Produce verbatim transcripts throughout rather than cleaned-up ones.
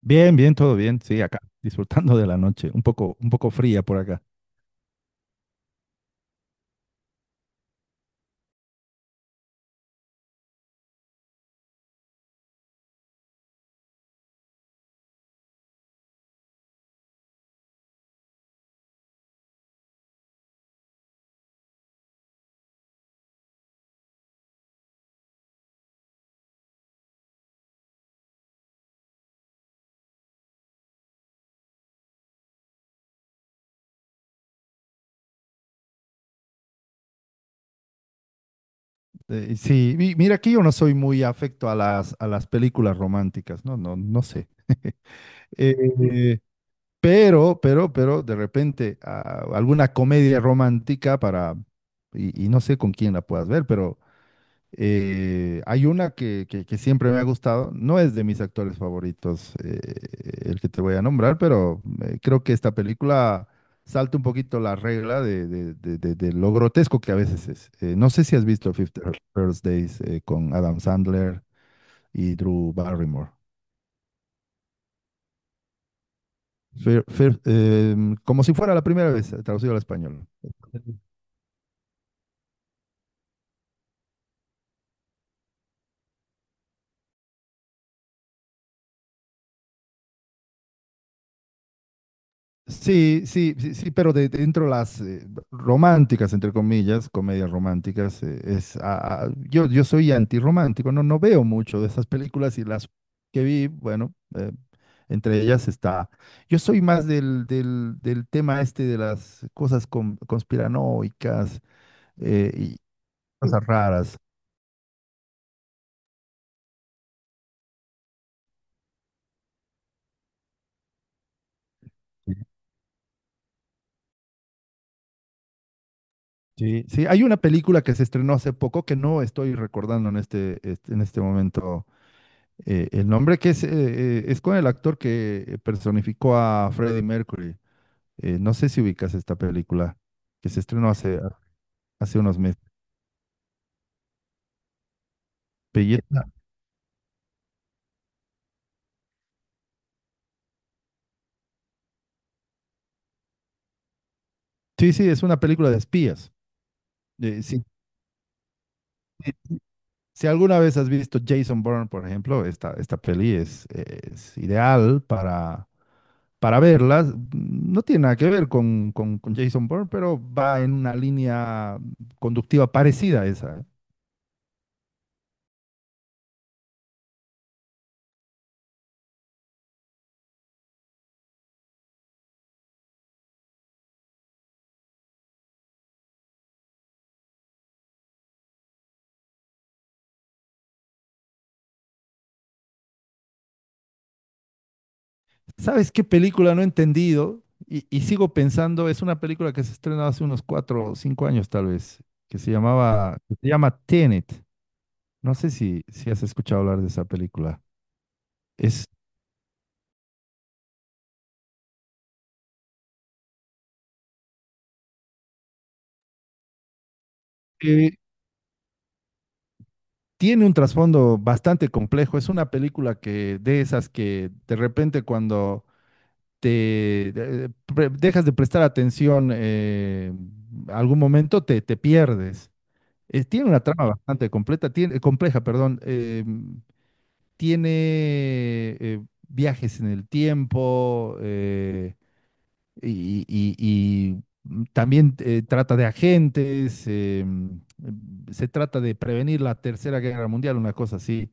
Bien, bien, todo bien. Sí, acá, disfrutando de la noche, un poco, un poco fría por acá. Eh, sí, mi- mira, aquí yo no soy muy afecto a las, a las películas románticas, no, no, no sé. Eh, pero, pero, pero, de repente, ah, alguna comedia romántica para, y, y no sé con quién la puedas ver, pero Eh, hay una que, que- que siempre me ha gustado. No es de mis actores favoritos, eh, el que te voy a nombrar, pero eh, creo que esta película salta un poquito la regla de, de- de- de- de lo grotesco que a veces es. Eh, no sé si has visto Fifty First Days, eh, con Adam Sandler y Drew Barrymore. Fir- fir- em, como si fuera la primera vez, eh, traducido al español. Sí, sí, sí, sí, pero de, dentro de las eh, románticas, entre comillas, comedias románticas, eh, es, ah, ah, yo, yo soy antirromántico. No, no veo mucho de esas películas, y las que vi, bueno, eh, entre ellas está, yo soy más del, del, del tema este de las cosas con- conspiranoicas, eh, y cosas raras. Sí, sí, sí, hay una película que se estrenó hace poco que no estoy recordando en este, este- en este momento. Eh, el nombre, que es, eh, eh, es con el actor que eh, personificó a Freddie Mercury. Eh, no sé si ubicas esta película, que se estrenó hace, hace unos meses. Pelle- Sí, sí, es una película de espías. Eh, sí. Si alguna vez has visto Jason Bourne, por ejemplo, esta, esta peli es, es ideal para, para verla. No tiene nada que ver con, con, con Jason Bourne, pero va en una línea conductiva parecida a esa, ¿eh? ¿Sabes qué película no he entendido Y, y sigo pensando? Es una película que se estrenó hace unos cuatro o cinco años tal vez, que se llamaba, que se llama Tenet. No sé si, si has escuchado hablar de esa película. Es, eh, Tiene un trasfondo bastante complejo. Es una película que de esas que, de repente, cuando te de- pre- dejas de prestar atención, eh, algún momento te, te pierdes. Eh, tiene una trama bastante completa, tiene, compleja, perdón. Eh, tiene, eh, viajes en el tiempo, eh, y, y- y mm, también, eh, trata de agentes, eh, mm, eh, se trata de prevenir la Tercera Guerra Mundial, una cosa así.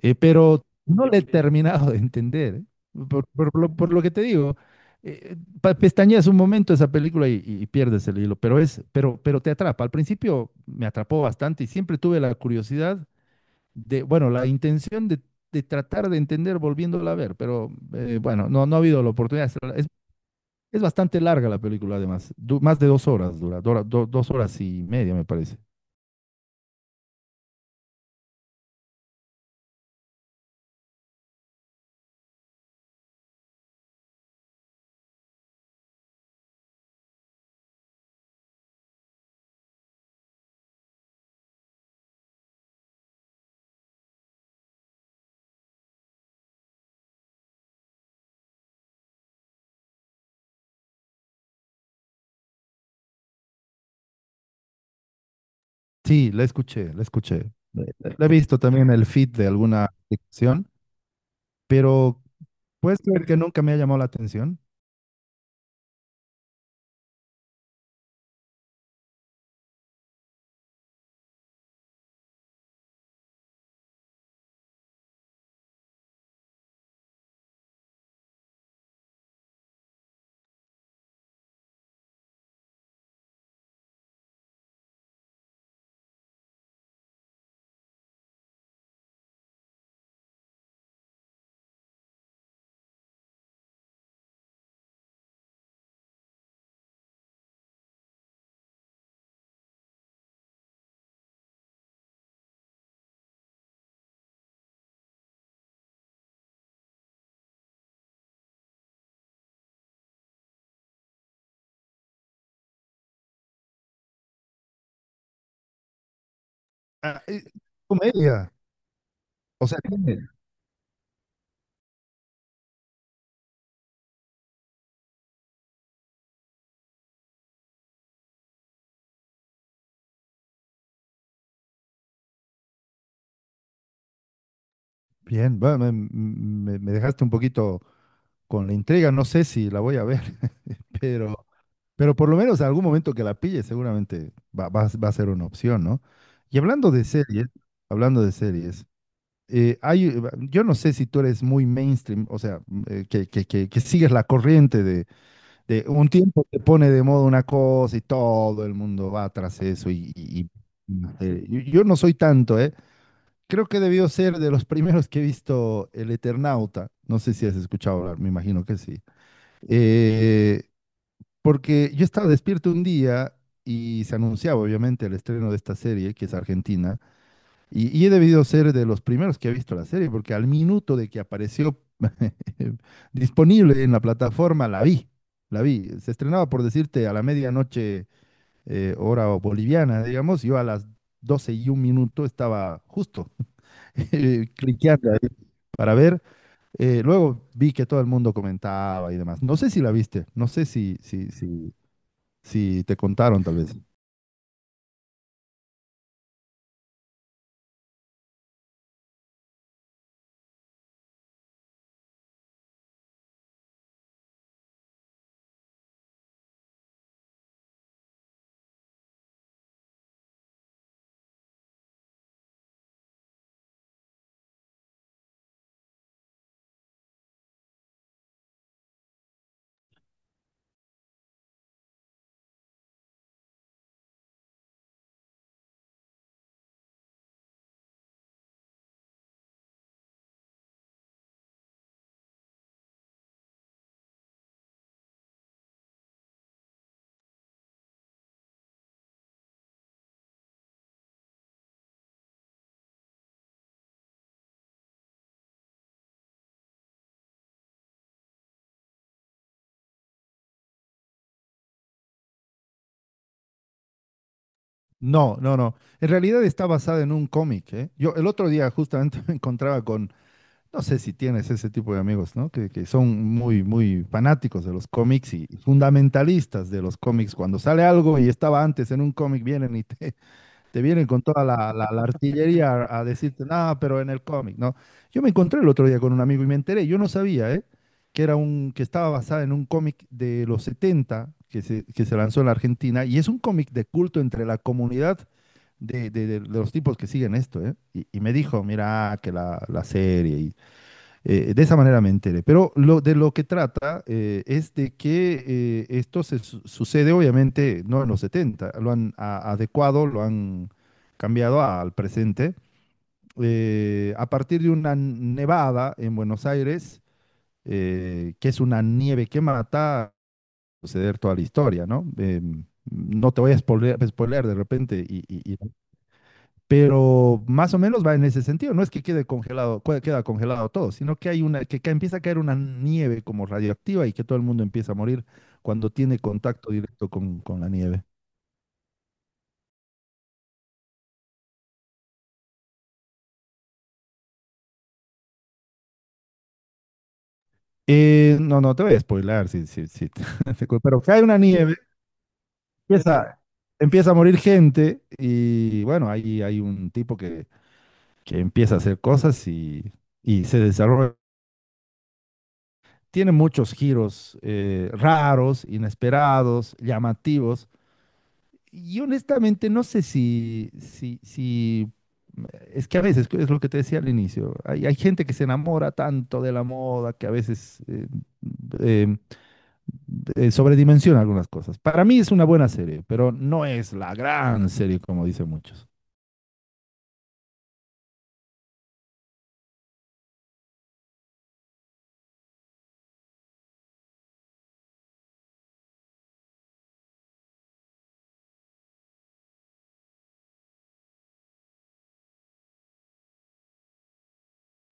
Eh, pero no le he terminado de entender, ¿eh? Por, por lo, por lo que te digo, eh, pa- pestañeas un momento esa película y, y pierdes el hilo, pero es, pero, pero te atrapa. Al principio me atrapó bastante y siempre tuve la curiosidad de, bueno, la intención de, de tratar de entender volviéndola a ver, pero eh, bueno, no, no ha habido la oportunidad. Es, es- Bastante larga la película, además. Du- más de dos horas dura, dura- do- dos horas y media, me parece. Sí, la escuché, la escuché. La he visto también en el feed de alguna sección, pero puedes creer que nunca me ha llamado la atención. Ah, eh, comedia. O sea, tiene- bien, va, me, me- me dejaste un poquito con la intriga, no sé si la voy a ver, pero Pero por lo menos en algún momento que la pille, seguramente va, va a va a ser una opción, ¿no? Y hablando de series, hablando de series, eh, hay, eh, yo no sé si tú eres muy mainstream, o sea, mm, eh, que, que, que, que sigues la corriente de, de un tiempo, te pone de moda una cosa y todo el mundo va tras eso, y, y- y, eh, yo yo no soy tanto, ¿eh? Creo que debió ser de los primeros que he visto El Eternauta. No sé si has escuchado hablar, me imagino que sí. Eh, Porque yo estaba despierto un día y se anunciaba obviamente el estreno de esta serie, que es argentina, y, y he debido ser de los primeros que ha visto la serie, porque al minuto de que apareció disponible en la plataforma, la vi, la vi. Se estrenaba, por decirte, a la medianoche, eh, hora boliviana, digamos. Yo a las doce y un minuto estaba justo eh, cliqueando ahí para ver. Eh, luego vi que todo el mundo comentaba y demás. No sé si la viste, no sé si, si, si si te contaron, tal vez. No, no, no. En realidad está basada en un cómic, ¿eh? Yo el otro día justamente me encontraba con, no sé si tienes ese tipo de amigos, ¿no? Que, que son muy, muy fanáticos de los cómics y fundamentalistas de los cómics. Cuando sale algo y estaba antes en un cómic, vienen y te, Te vienen con toda la, la- la artillería a, a decirte, nada, pero en el cómic, ¿no? Yo me encontré el otro día con un amigo y me enteré, yo no sabía, ¿eh? Que era un, que estaba basada en un cómic de los setenta que se, que se lanzó en la Argentina, y es un cómic de culto entre la comunidad de, de- de- de los tipos que siguen esto, ¿eh? Y, y me dijo, mira, que la, la serie, eh, de esa manera me enteré. Pero lo, de lo que trata, eh, es de que, eh, esto se su- sucede, obviamente, no en los setenta, lo han a- adecuado, lo han cambiado al presente. Eh, a partir de una nevada en Buenos Aires, eh, que es una nieve que mata, suceder toda la historia, ¿no? Em, no te voy a spoilear, spoilear de repente, y, y- y pero más o menos va en ese sentido. No es que quede congelado, cue- queda congelado todo, sino que hay una, que, ca- empieza a caer una nieve como radioactiva y que todo el mundo empieza a morir cuando tiene contacto directo con, con la nieve. Eh, no, no te voy a spoilar, sí, sí, sí. te cu- Pero cae una nieve, empieza, empieza a morir gente y, bueno, ahí hay un tipo que, que empieza a hacer cosas y, y se desarrolla. Tiene muchos giros, eh, raros, inesperados, llamativos. Y honestamente no sé si, si, si, es que a veces, es lo que te decía al inicio, hay, hay gente que se enamora tanto de la moda que a veces, eh, eh, eh, sobredimensiona algunas cosas. Para mí es una buena serie, pero no es la gran serie como dicen muchos.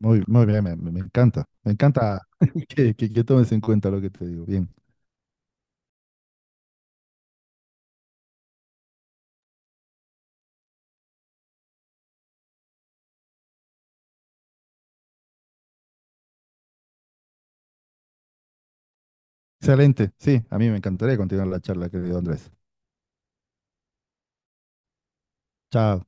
Muy, muy bien, me, me- me encanta. Me encanta que, que- que tomes en cuenta lo que te digo. Bien. Excelente. Sí, a mí me encantaría continuar la charla, querido Andrés. Chao.